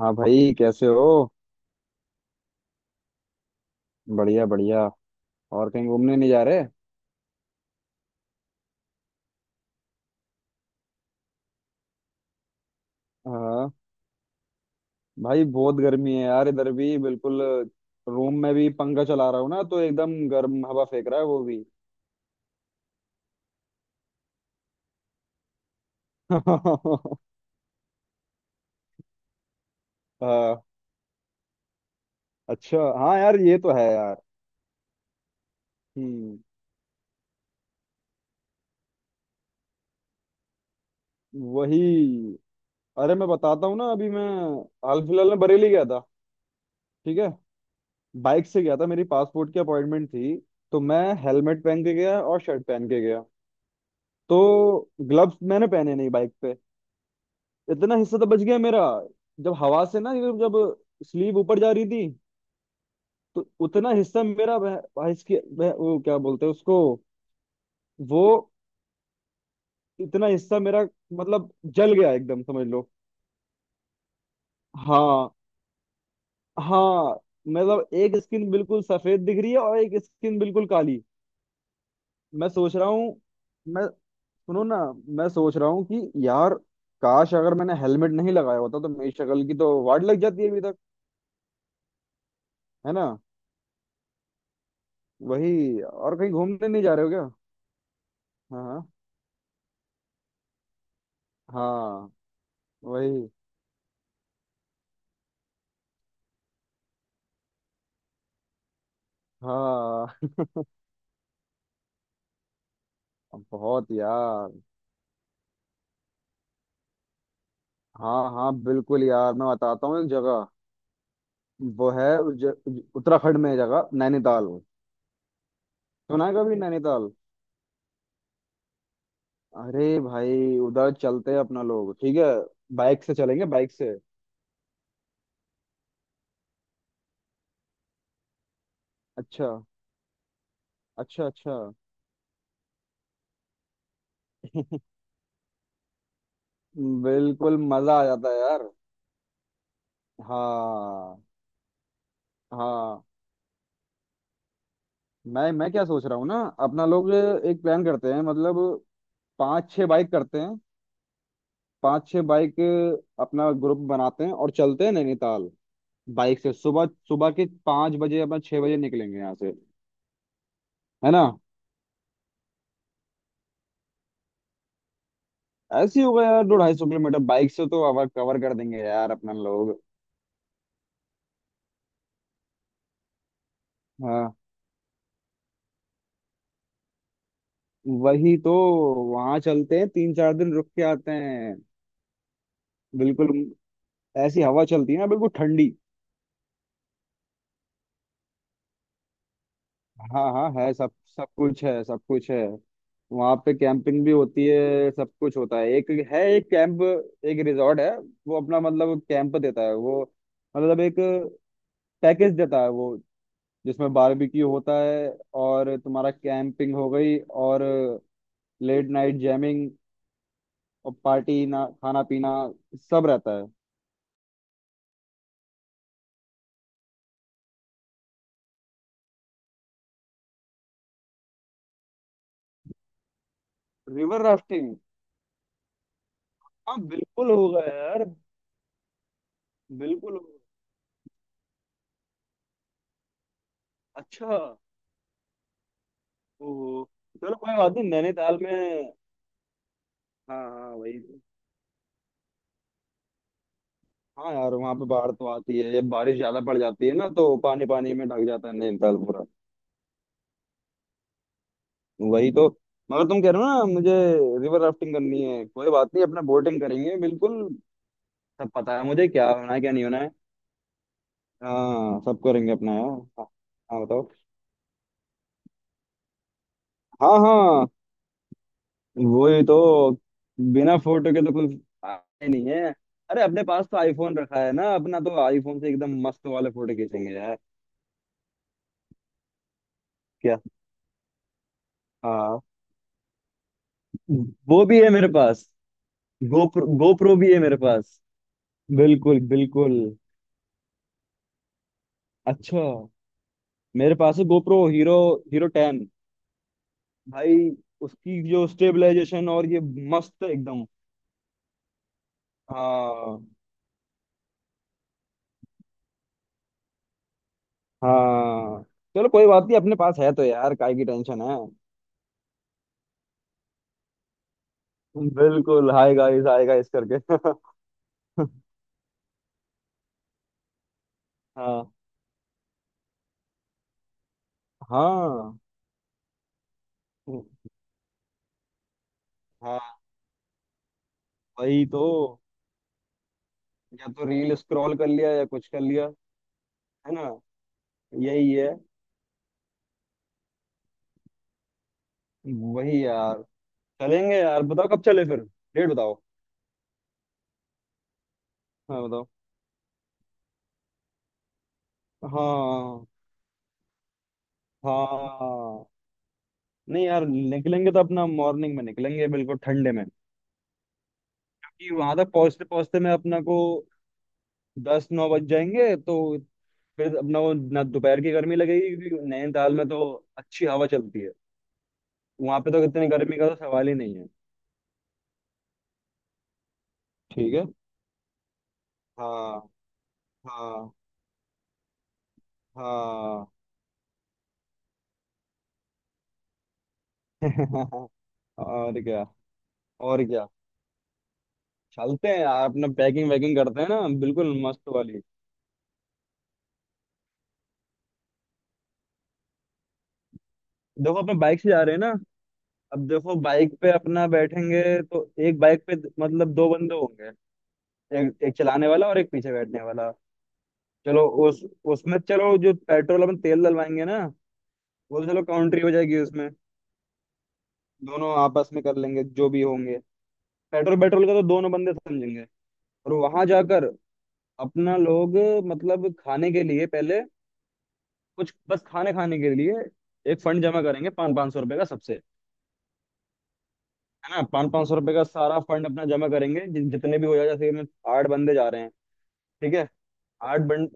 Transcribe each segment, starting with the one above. हाँ भाई, कैसे हो? बढ़िया बढ़िया। और कहीं घूमने नहीं जा रहे? हाँ भाई, बहुत गर्मी है यार, इधर भी बिल्कुल। रूम में भी पंखा चला रहा हूँ ना तो एकदम गर्म हवा फेंक रहा है वो भी। हाँ। अच्छा हाँ यार, ये तो है। हम्म। वही। अरे मैं बताता हूँ ना, अभी मैं हाल फिलहाल में बरेली गया था। ठीक है। बाइक से गया था, मेरी पासपोर्ट की अपॉइंटमेंट थी। तो मैं हेलमेट पहन के गया और शर्ट पहन के गया। तो ग्लव्स मैंने पहने नहीं बाइक पे। इतना हिस्सा तो बच गया मेरा। जब हवा से ना, ये जब स्लीव ऊपर जा रही थी, तो उतना हिस्सा मेरा वो क्या बोलते हैं उसको, वो। इतना हिस्सा मेरा, मतलब जल गया एकदम समझ लो। हाँ, हाँ, मतलब एक स्किन बिल्कुल सफेद दिख रही है और एक स्किन बिल्कुल काली। मैं सोच रहा हूँ मैं सुनो ना, मैं सोच रहा हूँ कि यार काश अगर मैंने हेलमेट नहीं लगाया होता तो मेरी शक्ल की तो वाट लग जाती है अभी तक, है ना? वही। और कहीं घूमने नहीं जा रहे हो क्या? हाँ, हाँ, हाँ, वही। हाँ बहुत यार। हाँ हाँ बिल्कुल यार, मैं बताता हूँ एक जगह। वो है ज, उत्तराखंड में है जगह, नैनीताल। सुना है कभी नैनीताल? अरे भाई, उधर चलते हैं अपना लोग, ठीक है? बाइक से चलेंगे, बाइक से। अच्छा, अच्छा, अच्छा। बिल्कुल मजा आ जाता है यार। हाँ। हाँ। मैं क्या सोच रहा हूँ ना, अपना लोग एक प्लान करते हैं, मतलब 5-6 बाइक करते हैं। 5-6 बाइक, अपना ग्रुप बनाते हैं और चलते हैं नैनीताल, बाइक से। सुबह सुबह के 5 बजे, अपना 6 बजे निकलेंगे यहाँ से, है ना? ऐसे ही होगा यार, 250 किलोमीटर बाइक से तो अवर कवर कर देंगे यार अपना लोग। हाँ। वही तो। वहां चलते हैं, 3-4 दिन रुक के आते हैं। बिल्कुल। ऐसी हवा चलती है ना बिल्कुल ठंडी। हाँ हाँ है सब। सब कुछ है, सब कुछ है। वहाँ पे कैंपिंग भी होती है, सब कुछ होता है। एक है, एक कैंप, एक रिजॉर्ट है। वो अपना मतलब कैंप देता है वो, मतलब एक पैकेज देता है वो, जिसमें बारबेक्यू होता है। और तुम्हारा कैंपिंग हो गई, और लेट नाइट जैमिंग, और पार्टी, ना खाना पीना, सब रहता है। River rafting? हाँ बिल्कुल होगा यार। बिल्कुल होगा। अच्छा। ओहो। चलो कोई बात नहीं, नैनीताल में। हाँ हाँ वही। हाँ यार, वहां पे बाढ़ तो आती है जब बारिश ज्यादा पड़ जाती है ना, तो पानी, पानी में ढक जाता है नैनीताल पूरा। वही तो। मगर तुम कह रहे हो ना मुझे, रिवर राफ्टिंग करनी है, कोई बात नहीं, अपना बोटिंग करेंगे बिल्कुल। सब पता है मुझे क्या होना है क्या नहीं होना है। हाँ, सब करेंगे अपना यार। हाँ। हाँ, बताओ। हाँ। हाँ, वही तो। बिना फोटो के तो कुछ आए नहीं है। अरे, अपने पास तो आईफोन रखा है ना अपना, तो आईफोन से एकदम मस्त वाले फोटो खींचेंगे यार। क्या? हाँ, वो भी है मेरे पास। गोप्रो, गोप्रो भी है मेरे पास। बिल्कुल बिल्कुल। अच्छा। मेरे पास है गोप्रो हीरो, Hero 10, भाई। उसकी जो स्टेबलाइजेशन और ये, मस्त एकदम। हाँ। हाँ चलो कोई बात नहीं, अपने पास है तो यार काय की टेंशन है। बिल्कुल। हाय गाइस, हाय गाइस करके। हाँ। हाँ। हाँ। वही तो। या तो रील स्क्रॉल कर लिया या कुछ कर लिया। है ना? यही है। वही यार। चलेंगे यार, बताओ कब चले फिर। डेट बताओ। हाँ बताओ। हाँ। हाँ नहीं यार, निकलेंगे तो अपना मॉर्निंग में निकलेंगे, बिल्कुल ठंडे में। क्योंकि वहां तक पहुंचते पहुंचते में अपना को 10-9 बज जाएंगे, तो फिर अपना वो ना दोपहर की गर्मी लगेगी। क्योंकि नैनीताल में तो अच्छी हवा चलती है, वहां पे तो इतनी गर्मी का तो सवाल ही नहीं है। ठीक है। हाँ। हाँ। हाँ। और क्या। और क्या। चलते हैं यार, अपना पैकिंग वैकिंग करते हैं ना बिल्कुल मस्त वाली। देखो, अपने बाइक से जा रहे हैं ना। अब देखो बाइक पे अपना बैठेंगे, तो एक बाइक पे मतलब 2 बंदे होंगे। एक एक चलाने वाला और एक पीछे बैठने वाला। चलो, उस, उसमें चलो जो पेट्रोल अपन तेल डलवाएंगे ना, वो तो चलो काउंट्री हो जाएगी उसमें। दोनों आपस में कर लेंगे जो भी होंगे। पेट्रोल, पेट्रोल का तो दोनों बंदे समझेंगे। और वहां जाकर अपना लोग मतलब खाने के लिए पहले, कुछ बस खाने, खाने के लिए एक फंड जमा करेंगे, 500-500 रुपए का सबसे, है ना? 500-500 रुपए का सारा फंड अपना जमा करेंगे। जितने भी हो जाए, जैसे कि मैं 8 बंदे जा रहे हैं, ठीक है? आठ बंड।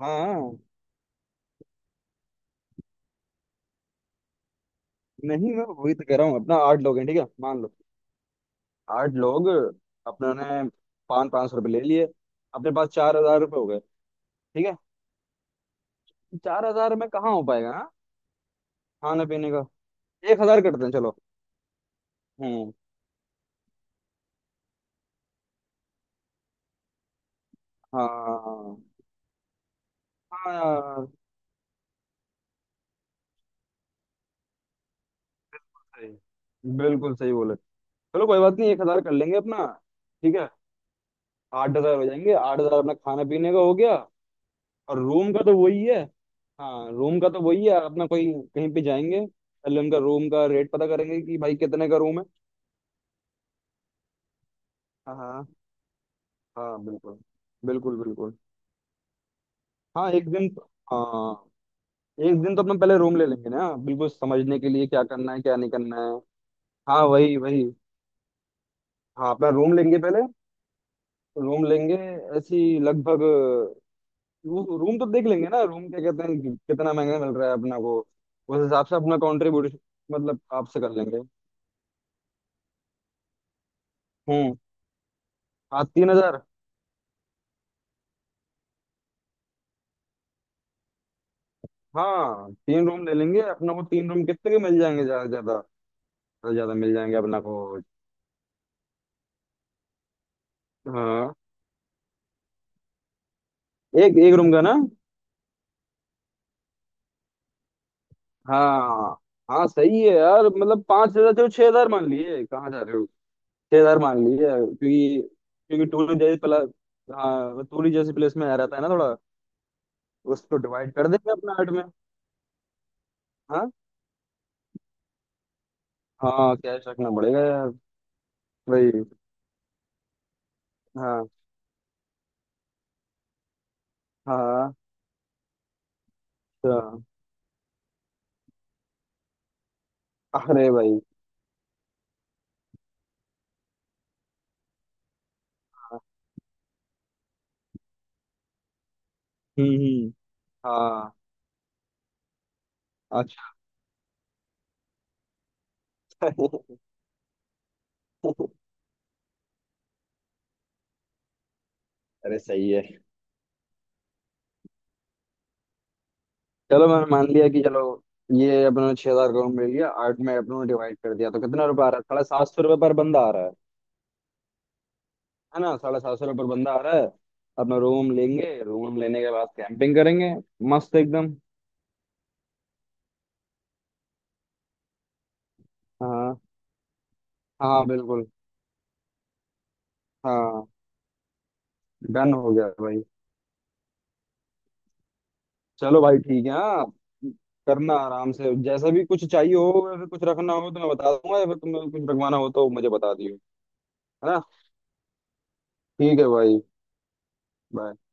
हाँ नहीं, मैं वही तो कह रहा हूँ, अपना 8 लोग हैं, ठीक है, मान लो 8 लोग। अपने ने 500-500 रुपये ले लिए, अपने पास 4000 रुपये हो गए, ठीक है? 4000 में कहाँ हो पाएगा? हाँ, खाने पीने का 1000 करते हैं चलो। हम्म। हाँ। हाँ। हाँ यार, सही, बिल्कुल सही बोले। चलो कोई बात नहीं, 1000 कर लेंगे अपना, ठीक है। 8000 हो जाएंगे। 8000 अपना खाने पीने का हो गया। और रूम का तो वही है। हाँ, रूम का तो वही है अपना कोई, कहीं पे जाएंगे पहले उनका रूम का रेट पता करेंगे कि भाई कितने का रूम है। हाँ। हाँ। हाँ बिल्कुल बिल्कुल। बिल्कुल। हाँ एक दिन। हाँ, एक दिन तो अपना पहले रूम ले लेंगे ना, बिल्कुल समझने के लिए क्या करना है क्या नहीं करना है। हाँ वही वही। हाँ, अपना रूम लेंगे पहले। रूम लेंगे। ऐसी लगभग। वो रूम तो देख लेंगे ना, रूम क्या कहते हैं कितना महंगा मिल रहा है अपना को। उस हिसाब से अपना कंट्रीब्यूशन मतलब आपसे कर लेंगे। हम्म। हाँ 3000। हाँ 3 रूम ले लेंगे अपना को। 3 रूम कितने के मिल जाएंगे, ज्यादा से ज्यादा? ज्यादा ज्यादा मिल जाएंगे अपना को। हाँ, एक एक रूम का ना। हाँ। हाँ सही है यार, मतलब 5000, चलो 6000 मान लिए, कहाँ जा रहे हो। छह हजार मान लिए क्योंकि, क्योंकि टूरी जैसे प्ला हाँ, टूरी जैसी प्लेस में आ रहता है ना थोड़ा। उसको डिवाइड कर देंगे अपना 8 में। हाँ। हाँ कैश रखना पड़ेगा यार। भाई। हाँ। हाँ। अच्छा। अरे भाई। हाँ। हम्म, हम्म। हाँ। अच्छा। अरे सही है। चलो मैंने मान लिया कि चलो, ये अपने 6000 करोड़ मिल लिया, 8 में अपनों ने डिवाइड कर दिया तो कितना रुपया आ रहा है? 750 रुपये पर बंदा आ रहा है ना? 750 रुपये पर बंदा आ रहा है। अपना रूम लेंगे, रूम लेने के बाद कैंपिंग करेंगे, मस्त एकदम। हाँ। हाँ बिल्कुल। हाँ, डन हो गया भाई। चलो भाई ठीक है, हाँ। करना आराम से, जैसा भी कुछ चाहिए हो या फिर कुछ रखना हो तो मैं बता दूंगा, या फिर तुम्हें कुछ रखवाना हो तो मुझे बता दियो, है ना? ठीक है भाई। bye।